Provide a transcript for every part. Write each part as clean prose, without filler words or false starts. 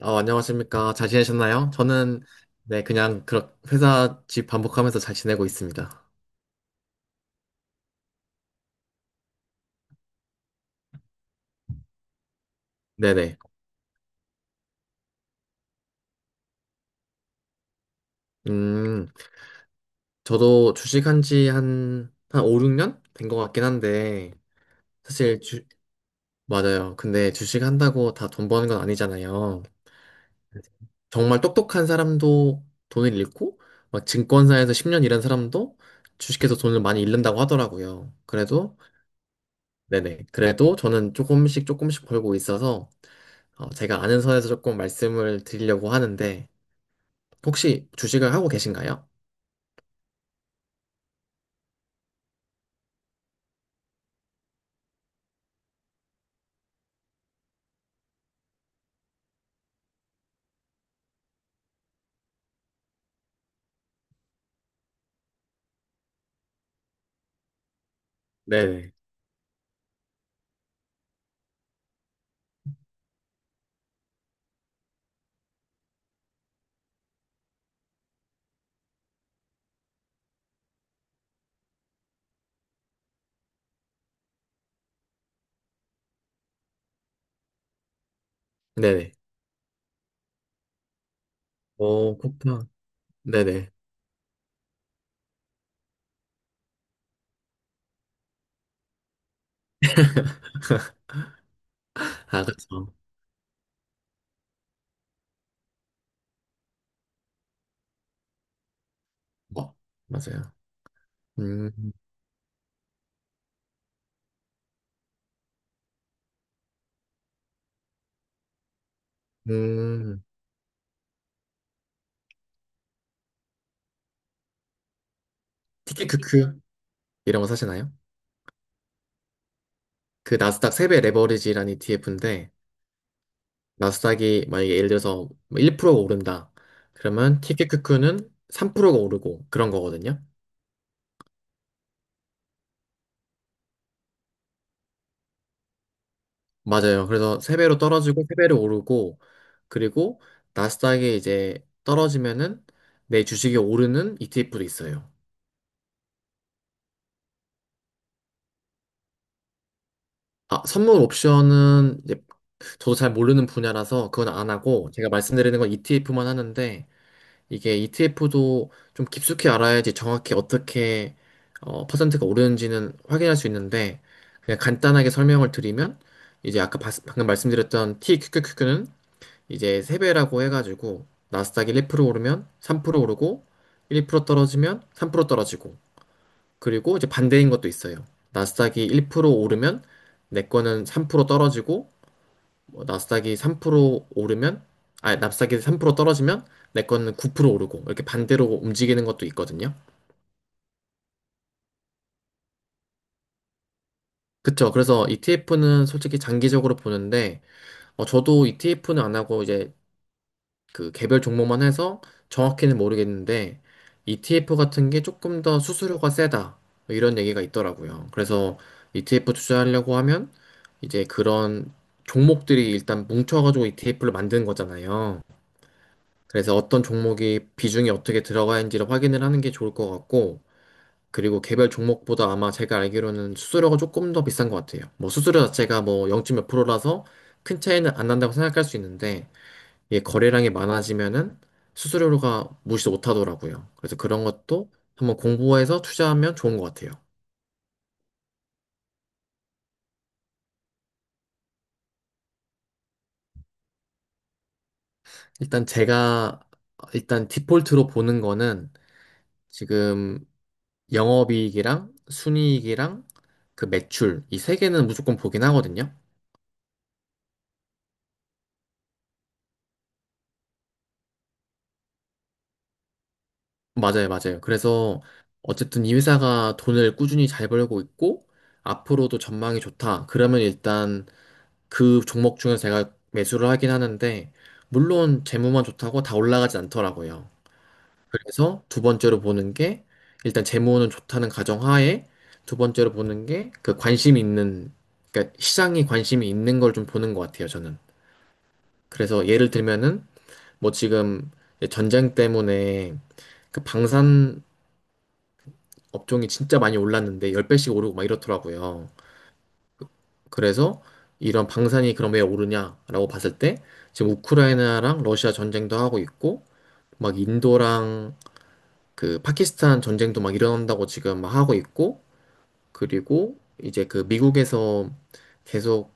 안녕하십니까. 잘 지내셨나요? 네, 그냥, 회사 집 반복하면서 잘 지내고 있습니다. 네네. 음, 저도 주식한 지 한 5, 6년 된 것 같긴 한데, 사실, 맞아요. 근데 주식한다고 다 돈 버는 건 아니잖아요. 정말 똑똑한 사람도 돈을 잃고, 막 증권사에서 10년 일한 사람도 주식해서 돈을 많이 잃는다고 하더라고요. 그래도 네네. 그래도 저는 조금씩 조금씩 벌고 있어서 제가 아는 선에서 조금 말씀을 드리려고 하는데 혹시 주식을 하고 계신가요? 네네. 네네. 오, 쿠팡. 네네. 아, 그렇죠. 어, 맞아요. 음, 음, 티켓 큐큐 이런 거 사시나요? 그 나스닥 3배 레버리지라는 ETF인데 나스닥이 만약에 예를 들어서 1%가 오른다. 그러면 티켓큐큐는 3%가 오르고 그런 거거든요. 맞아요. 그래서 3배로 떨어지고 3배로 오르고 그리고 나스닥에 이제 떨어지면은 내 주식이 오르는 ETF도 있어요. 아, 선물 옵션은 이제 저도 잘 모르는 분야라서 그건 안 하고 제가 말씀드리는 건 ETF만 하는데 이게 ETF도 좀 깊숙이 알아야지 정확히 어떻게 퍼센트가 오르는지는 확인할 수 있는데 그냥 간단하게 설명을 드리면 이제 아까 방금 말씀드렸던 TQQQ는 이제 3배라고 해가지고 나스닥이 1% 오르면 3% 오르고 1% 떨어지면 3% 떨어지고 그리고 이제 반대인 것도 있어요. 나스닥이 1% 오르면 내 거는 3% 떨어지고 뭐 나스닥이 3% 오르면 아, 나스닥이 3% 떨어지면 내 거는 9% 오르고 이렇게 반대로 움직이는 것도 있거든요. 그쵸. 그래서 ETF는 솔직히 장기적으로 보는데 저도 ETF는 안 하고 이제 그 개별 종목만 해서 정확히는 모르겠는데 ETF 같은 게 조금 더 수수료가 세다 뭐 이런 얘기가 있더라고요. 그래서 ETF 투자하려고 하면 이제 그런 종목들이 일단 뭉쳐가지고 ETF를 만드는 거잖아요. 그래서 어떤 종목이 비중이 어떻게 들어가 있는지를 확인을 하는 게 좋을 것 같고 그리고 개별 종목보다 아마 제가 알기로는 수수료가 조금 더 비싼 것 같아요. 뭐 수수료 자체가 뭐 0. 몇 프로라서 큰 차이는 안 난다고 생각할 수 있는데 이게 거래량이 많아지면은 수수료가 무시 못하더라고요. 그래서 그런 것도 한번 공부해서 투자하면 좋은 것 같아요. 일단 제가 일단 디폴트로 보는 거는 지금 영업이익이랑 순이익이랑 그 매출 이 세 개는 무조건 보긴 하거든요. 맞아요, 맞아요. 그래서 어쨌든 이 회사가 돈을 꾸준히 잘 벌고 있고 앞으로도 전망이 좋다. 그러면 일단 그 종목 중에서 제가 매수를 하긴 하는데, 물론 재무만 좋다고 다 올라가지 않더라고요. 그래서 두 번째로 보는 게, 일단 재무는 좋다는 가정하에, 두 번째로 보는 게 그 관심 있는, 그러니까 시장이 관심이 있는 걸 좀 보는 것 같아요, 저는. 그래서 예를 들면은, 뭐 지금 전쟁 때문에 그 방산 업종이 진짜 많이 올랐는데, 10배씩 오르고 막 이렇더라고요. 그래서 이런 방산이 그럼 왜 오르냐라고 봤을 때 지금 우크라이나랑 러시아 전쟁도 하고 있고 막 인도랑 그 파키스탄 전쟁도 막 일어난다고 지금 막 하고 있고 그리고 이제 그 미국에서 계속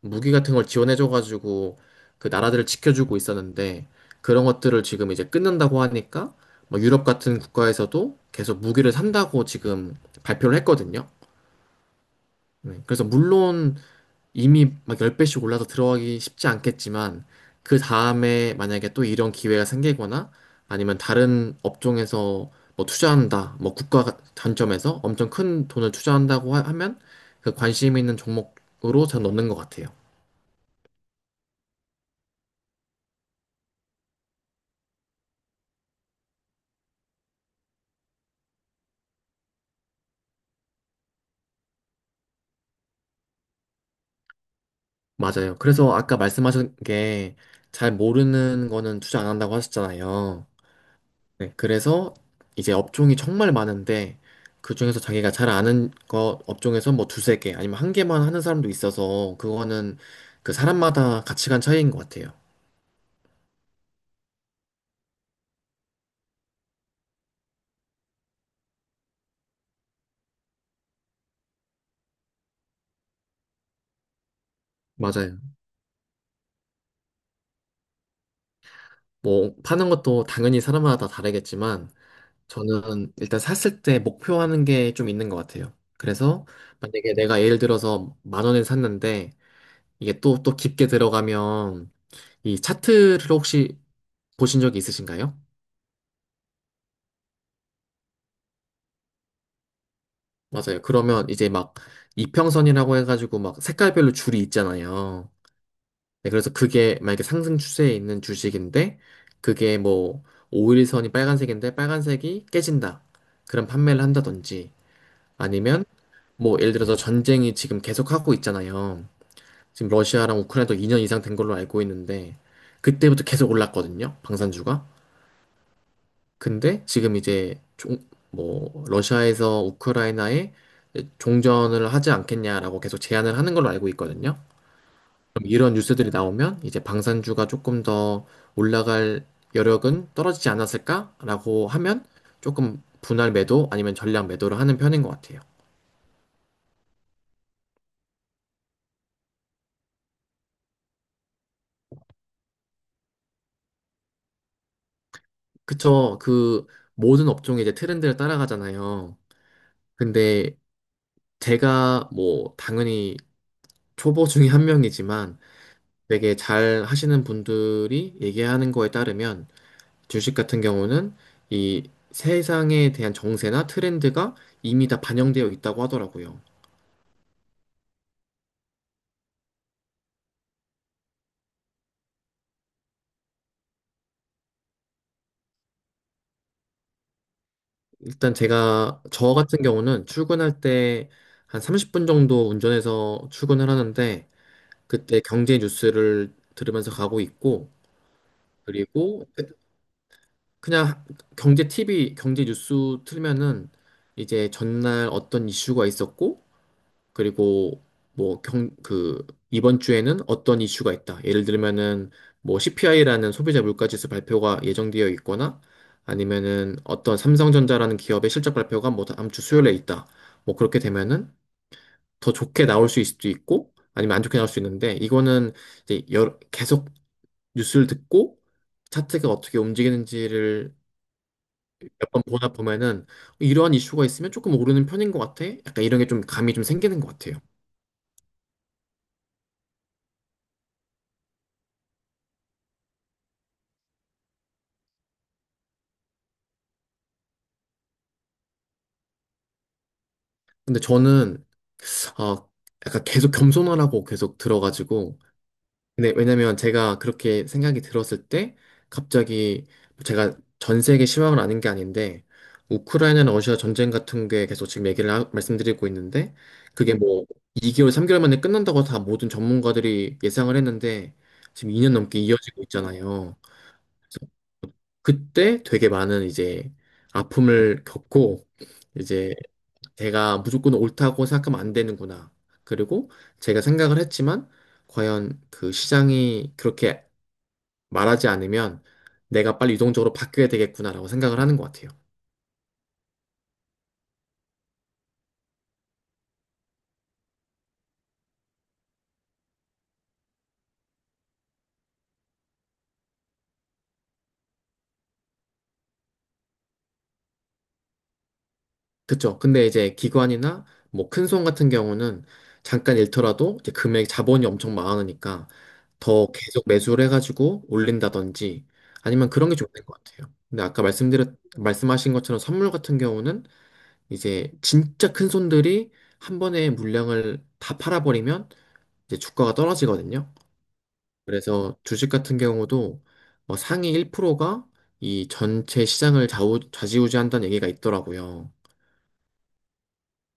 무기 같은 걸 지원해줘가지고 그 나라들을 지켜주고 있었는데 그런 것들을 지금 이제 끊는다고 하니까 막 유럽 같은 국가에서도 계속 무기를 산다고 지금 발표를 했거든요. 네, 그래서 물론 이미 막 10배씩 올라서 들어가기 쉽지 않겠지만 그 다음에 만약에 또 이런 기회가 생기거나 아니면 다른 업종에서 뭐 투자한다, 뭐 국가 단점에서 엄청 큰 돈을 투자한다고 하면 그 관심 있는 종목으로 잘 넣는 것 같아요. 맞아요. 그래서 아까 말씀하신 게 잘 모르는 거는 투자 안 한다고 하셨잖아요. 네, 그래서 이제 업종이 정말 많은데 그중에서 자기가 잘 아는 거 업종에서 뭐 두세 개 아니면 한 개만 하는 사람도 있어서 그거는 그 사람마다 가치관 차이인 것 같아요. 맞아요. 뭐 파는 것도 당연히 사람마다 다 다르겠지만 저는 일단 샀을 때 목표하는 게 좀 있는 것 같아요. 그래서 만약에 내가 예를 들어서 만 원에 샀는데 이게 또 깊게 들어가면 이 차트를 혹시 보신 적이 있으신가요? 맞아요. 그러면 이제 막 이평선이라고 해가지고 막 색깔별로 줄이 있잖아요. 네, 그래서 그게 만약에 상승 추세에 있는 주식인데 그게 뭐 5일선이 빨간색인데 빨간색이 깨진다. 그런 판매를 한다든지 아니면 뭐 예를 들어서 전쟁이 지금 계속하고 있잖아요. 지금 러시아랑 우크라이나도 2년 이상 된 걸로 알고 있는데 그때부터 계속 올랐거든요. 방산주가. 근데 지금 이제 뭐 러시아에서 우크라이나에 종전을 하지 않겠냐라고 계속 제안을 하는 걸로 알고 있거든요. 그럼 이런 뉴스들이 나오면 이제 방산주가 조금 더 올라갈 여력은 떨어지지 않았을까라고 하면 조금 분할 매도 아니면 전량 매도를 하는 편인 것 같아요. 그쵸. 그 모든 업종이 이제 트렌드를 따라가잖아요. 근데 제가 뭐 당연히 초보 중에 한 명이지만 되게 잘 하시는 분들이 얘기하는 거에 따르면 주식 같은 경우는 이 세상에 대한 정세나 트렌드가 이미 다 반영되어 있다고 하더라고요. 일단 제가 저 같은 경우는 출근할 때 한 30분 정도 운전해서 출근을 하는데 그때 경제 뉴스를 들으면서 가고 있고 그리고 그냥 경제 TV, 경제 뉴스 틀면은 이제 전날 어떤 이슈가 있었고 그리고 뭐 그 이번 주에는 어떤 이슈가 있다. 예를 들면은 뭐 CPI라는 소비자 물가지수 발표가 예정되어 있거나 아니면은 어떤 삼성전자라는 기업의 실적 발표가 뭐 다음 주 수요일에 있다. 뭐 그렇게 되면은 더 좋게 나올 수 있을 수도 있고 아니면 안 좋게 나올 수 있는데 이거는 이제 계속 뉴스를 듣고 차트가 어떻게 움직이는지를 몇 번 보다 보면은 이러한 이슈가 있으면 조금 오르는 편인 것 같아. 약간 이런 게 좀 감이 좀 생기는 것 같아요. 근데 저는 어, 약간 계속 겸손하라고 계속 들어가지고. 근데 왜냐면 제가 그렇게 생각이 들었을 때 갑자기 뭐 제가 전 세계 실망을 아는 게 아닌데 우크라이나나 러시아 전쟁 같은 게 계속 지금 얘기를 말씀드리고 있는데 그게 뭐 2개월, 3개월 만에 끝난다고 다 모든 전문가들이 예상을 했는데 지금 2년 넘게 이어지고 있잖아요. 그래서 그때 되게 많은 이제 아픔을 겪고 이제 내가 무조건 옳다고 생각하면 안 되는구나. 그리고 제가 생각을 했지만, 과연 그 시장이 그렇게 말하지 않으면 내가 빨리 유동적으로 바뀌어야 되겠구나라고 생각을 하는 것 같아요. 그쵸? 근데 이제 기관이나 뭐 큰손 같은 경우는 잠깐 잃더라도 이제 금액 자본이 엄청 많으니까 더 계속 매수를 해가지고 올린다든지 아니면 그런 게 좀 있는 것 같아요. 근데 아까 말씀하신 것처럼 선물 같은 경우는 이제 진짜 큰 손들이 한 번에 물량을 다 팔아버리면 이제 주가가 떨어지거든요. 그래서 주식 같은 경우도 뭐 상위 1%가 이 전체 시장을 좌지우지한다는 얘기가 있더라고요.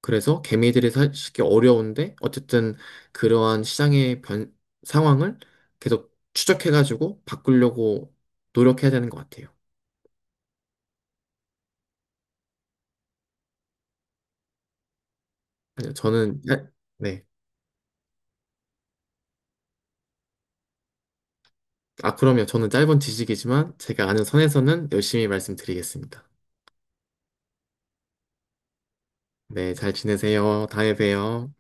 그래서 개미들이 사기 어려운데 어쨌든 그러한 시장의 상황을 계속 추적해가지고 바꾸려고 노력해야 되는 것 같아요. 아니요, 저는 네. 아, 그러면 저는 짧은 지식이지만 제가 아는 선에서는 열심히 말씀드리겠습니다. 네, 잘 지내세요. 다음에 봬요.